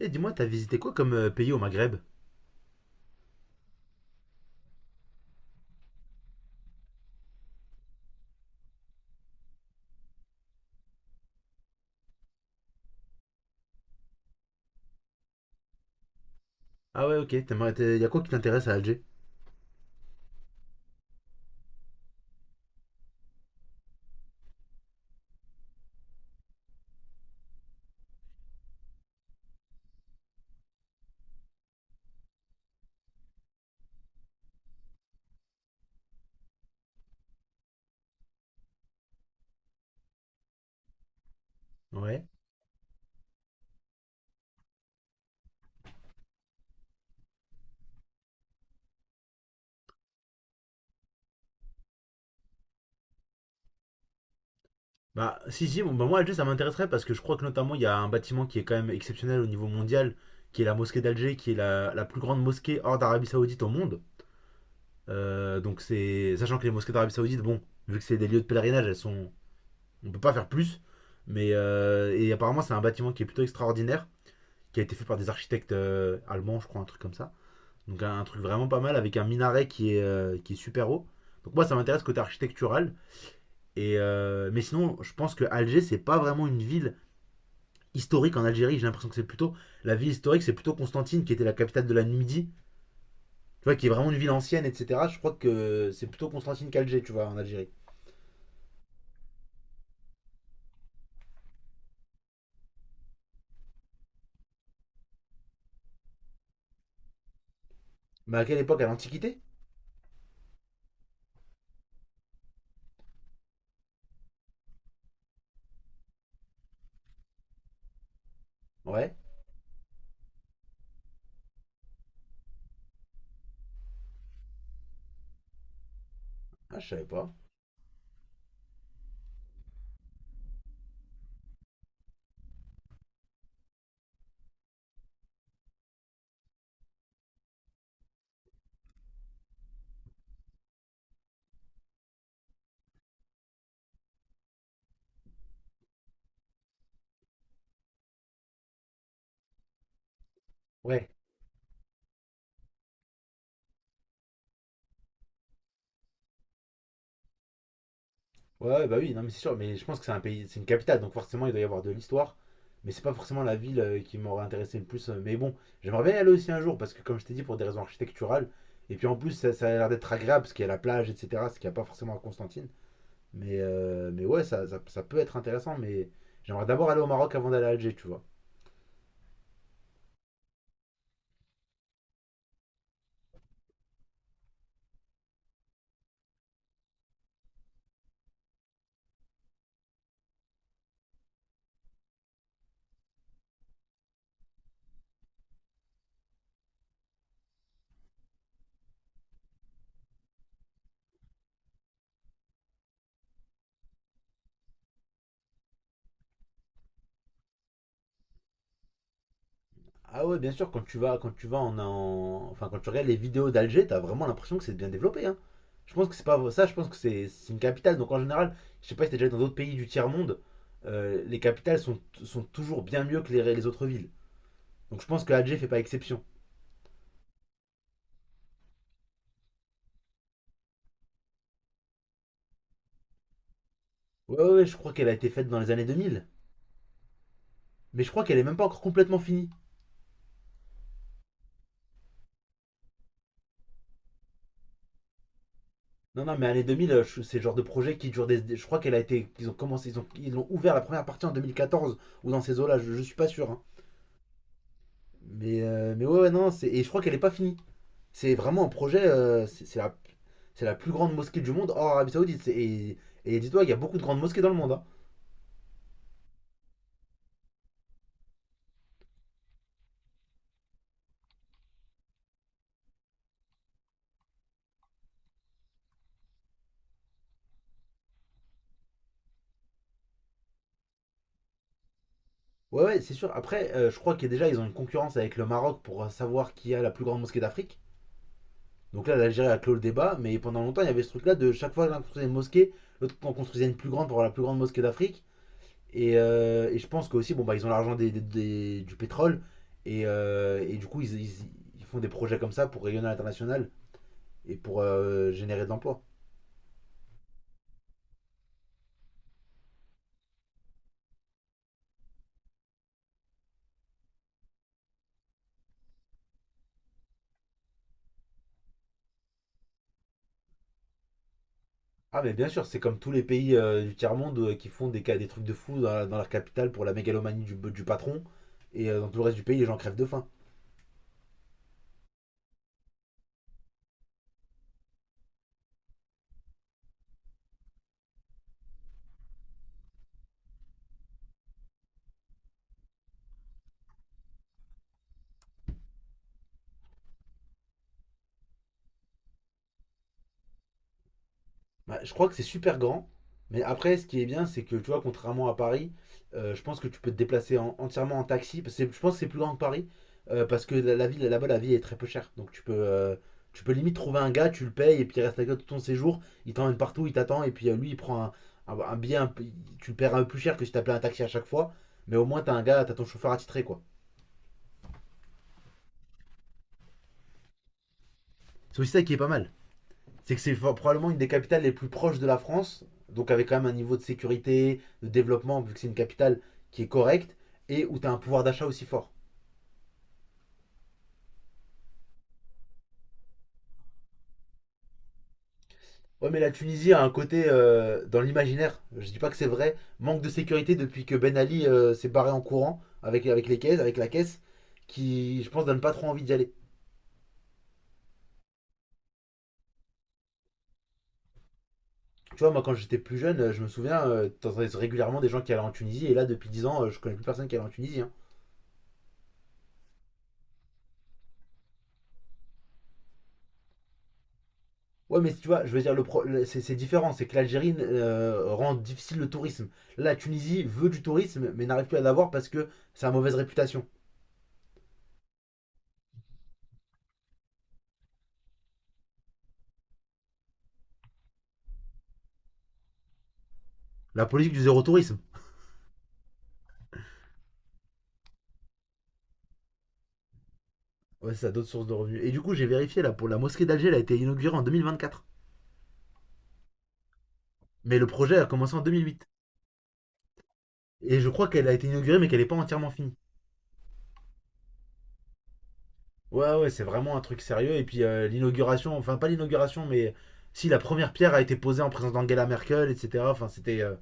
Et dis-moi, t'as visité quoi comme pays au Maghreb? Ah ouais, ok. T'aimerais, y a quoi qui t'intéresse à Alger? Ouais. Bah, si, si, bon, bah, moi, Alger, ça m'intéresserait parce que je crois que notamment, il y a un bâtiment qui est quand même exceptionnel au niveau mondial, qui est la mosquée d'Alger, qui est la plus grande mosquée hors d'Arabie Saoudite au monde. Donc, c'est. Sachant que les mosquées d'Arabie Saoudite, bon, vu que c'est des lieux de pèlerinage, elles sont. On peut pas faire plus. Mais. Et apparemment, c'est un bâtiment qui est plutôt extraordinaire, qui a été fait par des architectes allemands, je crois, un truc comme ça. Donc un truc vraiment pas mal avec un minaret qui est super haut. Donc moi ça m'intéresse côté architectural. Et mais sinon, je pense que Alger c'est pas vraiment une ville historique en Algérie. J'ai l'impression que c'est plutôt la ville historique, c'est plutôt Constantine qui était la capitale de la Numidie. Tu vois, qui est vraiment une ville ancienne, etc. Je crois que c'est plutôt Constantine qu'Alger, tu vois, en Algérie. Mais à quelle époque? À l'Antiquité? Ouais. Ah, je savais pas. Ouais. Ouais, ouais, bah oui, non, mais c'est sûr, mais je pense que c'est un pays, c'est une capitale, donc forcément il doit y avoir de l'histoire, mais c'est pas forcément la ville qui m'aurait intéressé le plus. Mais bon, j'aimerais bien y aller aussi un jour, parce que comme je t'ai dit, pour des raisons architecturales, et puis en plus ça, ça a l'air d'être agréable, parce qu'il y a la plage, etc., ce qu'il n'y a pas forcément à Constantine. Mais ouais, ça peut être intéressant, mais j'aimerais d'abord aller au Maroc avant d'aller à Alger, tu vois. Ah ouais, bien sûr, quand tu vas enfin quand tu regardes les vidéos d'Alger, t'as vraiment l'impression que c'est bien développé, hein. Je pense que c'est pas ça, je pense que c'est une capitale. Donc en général, je sais pas si t'es déjà allé dans d'autres pays du tiers-monde, les capitales sont toujours bien mieux que les autres villes. Donc je pense que Alger fait pas exception. Ouais, ouais, ouais, je crois qu'elle a été faite dans les années 2000, mais je crois qu'elle est même pas encore complètement finie. Non, non, mais années 2000, c'est le genre de projet qui dure des. Je crois qu'elle a été. Ils ont commencé, ils l'ont ouvert la première partie en 2014 ou dans ces eaux-là, je suis pas sûr, hein. Mais ouais, ouais, non, c'est. Et je crois qu'elle est pas finie. C'est vraiment un projet, c'est la plus grande mosquée du monde hors Arabie Saoudite. Et dis-toi, il y a beaucoup de grandes mosquées dans le monde, hein. Ouais, ouais, c'est sûr. Après, je crois que déjà, ils ont une concurrence avec le Maroc pour savoir qui a la plus grande mosquée d'Afrique. Donc là, l'Algérie a clos le débat, mais pendant longtemps, il y avait ce truc-là de chaque fois l'un construisait une mosquée, l'autre en construisait une plus grande pour avoir la plus grande mosquée d'Afrique. Et je pense qu'aussi, bon, bah, ils ont l'argent du pétrole, et du coup, ils font des projets comme ça pour rayonner à l'international. Et pour générer de l'emploi. Ah mais bien sûr, c'est comme tous les pays du tiers-monde qui font des trucs de fou dans leur capitale pour la mégalomanie du patron. Et dans tout le reste du pays, les gens crèvent de faim. Bah, je crois que c'est super grand, mais après, ce qui est bien, c'est que tu vois, contrairement à Paris, je pense que tu peux te déplacer entièrement en taxi. Parce que je pense que c'est plus grand que Paris, parce que la ville là-bas, la vie est très peu chère. Donc tu peux limite trouver un gars, tu le payes, et puis il reste avec toi tout ton séjour, il t'emmène partout, il t'attend, et puis lui, il prend un billet, tu le paieras un peu plus cher que si t'appelais un taxi à chaque fois, mais au moins t'as un gars, t'as ton chauffeur attitré, quoi. C'est aussi ça qui est pas mal. C'est que c'est probablement une des capitales les plus proches de la France, donc avec quand même un niveau de sécurité, de développement, vu que c'est une capitale qui est correcte, et où tu as un pouvoir d'achat aussi fort. Ouais, mais la Tunisie a un côté, dans l'imaginaire, je dis pas que c'est vrai, manque de sécurité depuis que Ben Ali s'est barré en courant avec les caisses, avec la caisse, qui, je pense, donne pas trop envie d'y aller. Tu vois, moi, quand j'étais plus jeune, je me souviens, t'entendais régulièrement des gens qui allaient en Tunisie, et là, depuis 10 ans, je connais plus personne qui allait en Tunisie, hein. Ouais, mais tu vois, je veux dire, le pro- le- c'est différent. C'est que l'Algérie rend difficile le tourisme. Là, la Tunisie veut du tourisme, mais n'arrive plus à l'avoir parce que ça a mauvaise réputation. La politique du zéro tourisme. Ouais, ça a d'autres sources de revenus. Et du coup, j'ai vérifié, là, pour la mosquée d'Alger, elle a été inaugurée en 2024. Mais le projet a commencé en 2008. Et je crois qu'elle a été inaugurée, mais qu'elle n'est pas entièrement finie. Ouais, ouais, c'est vraiment un truc sérieux. Et puis, l'inauguration, enfin, pas l'inauguration, mais si la première pierre a été posée en présence d'Angela Merkel, etc. Enfin, c'était. euh,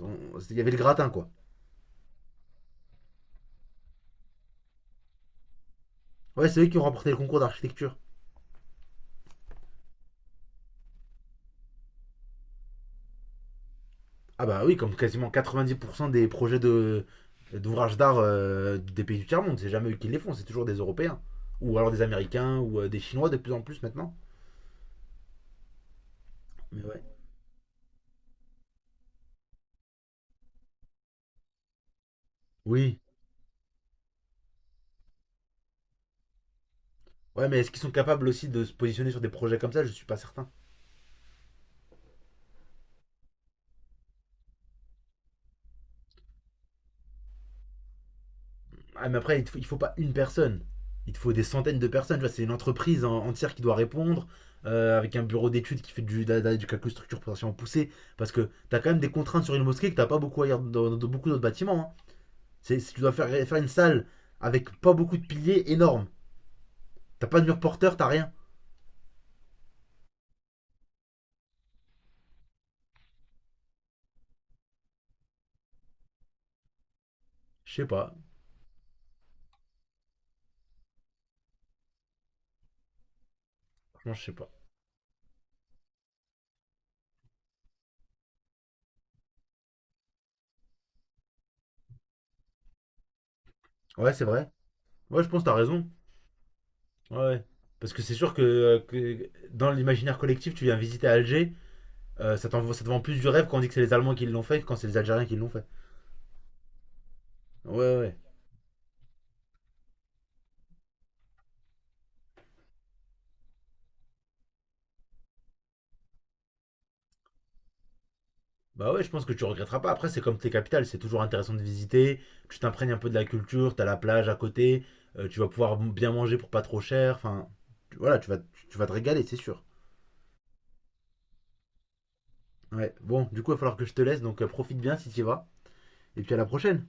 on- c'était- Il y avait le gratin, quoi. Ouais, c'est eux qui ont remporté le concours d'architecture. Ah bah oui, comme quasiment 90% des projets d'ouvrages d'art des pays du tiers-monde, c'est jamais eux qui les font, c'est toujours des Européens. Ou alors des Américains ou des Chinois de plus en plus maintenant. Mais ouais. Oui. Ouais, mais est-ce qu'ils sont capables aussi de se positionner sur des projets comme ça? Je suis pas certain. Ah, mais après, il faut pas une personne. Il te faut des centaines de personnes. Tu vois, c'est une entreprise entière qui doit répondre, avec un bureau d'études qui fait du calcul structure potentiellement poussée. Parce que t'as quand même des contraintes sur une mosquée que t'as pas beaucoup ailleurs dans beaucoup d'autres bâtiments, hein. C'est, tu dois faire une salle avec pas beaucoup de piliers énorme. T'as pas de mur porteur, t'as rien. Je sais pas. Franchement, je sais pas. Ouais, c'est vrai. Ouais, je pense que t'as raison. Ouais, ouais. Parce que c'est sûr que dans l'imaginaire collectif, tu viens visiter Alger, ça te vend plus du rêve quand on dit que c'est les Allemands qui l'ont fait que quand c'est les Algériens qui l'ont fait. Ouais, ouais. Bah ouais, je pense que tu regretteras pas. Après, c'est comme tes capitales, c'est toujours intéressant de visiter. Tu t'imprègnes un peu de la culture, t'as la plage à côté, tu vas pouvoir bien manger pour pas trop cher. Enfin, voilà, tu vas te régaler, c'est sûr. Ouais, bon, du coup, il va falloir que je te laisse, donc profite bien si tu y vas. Et puis à la prochaine.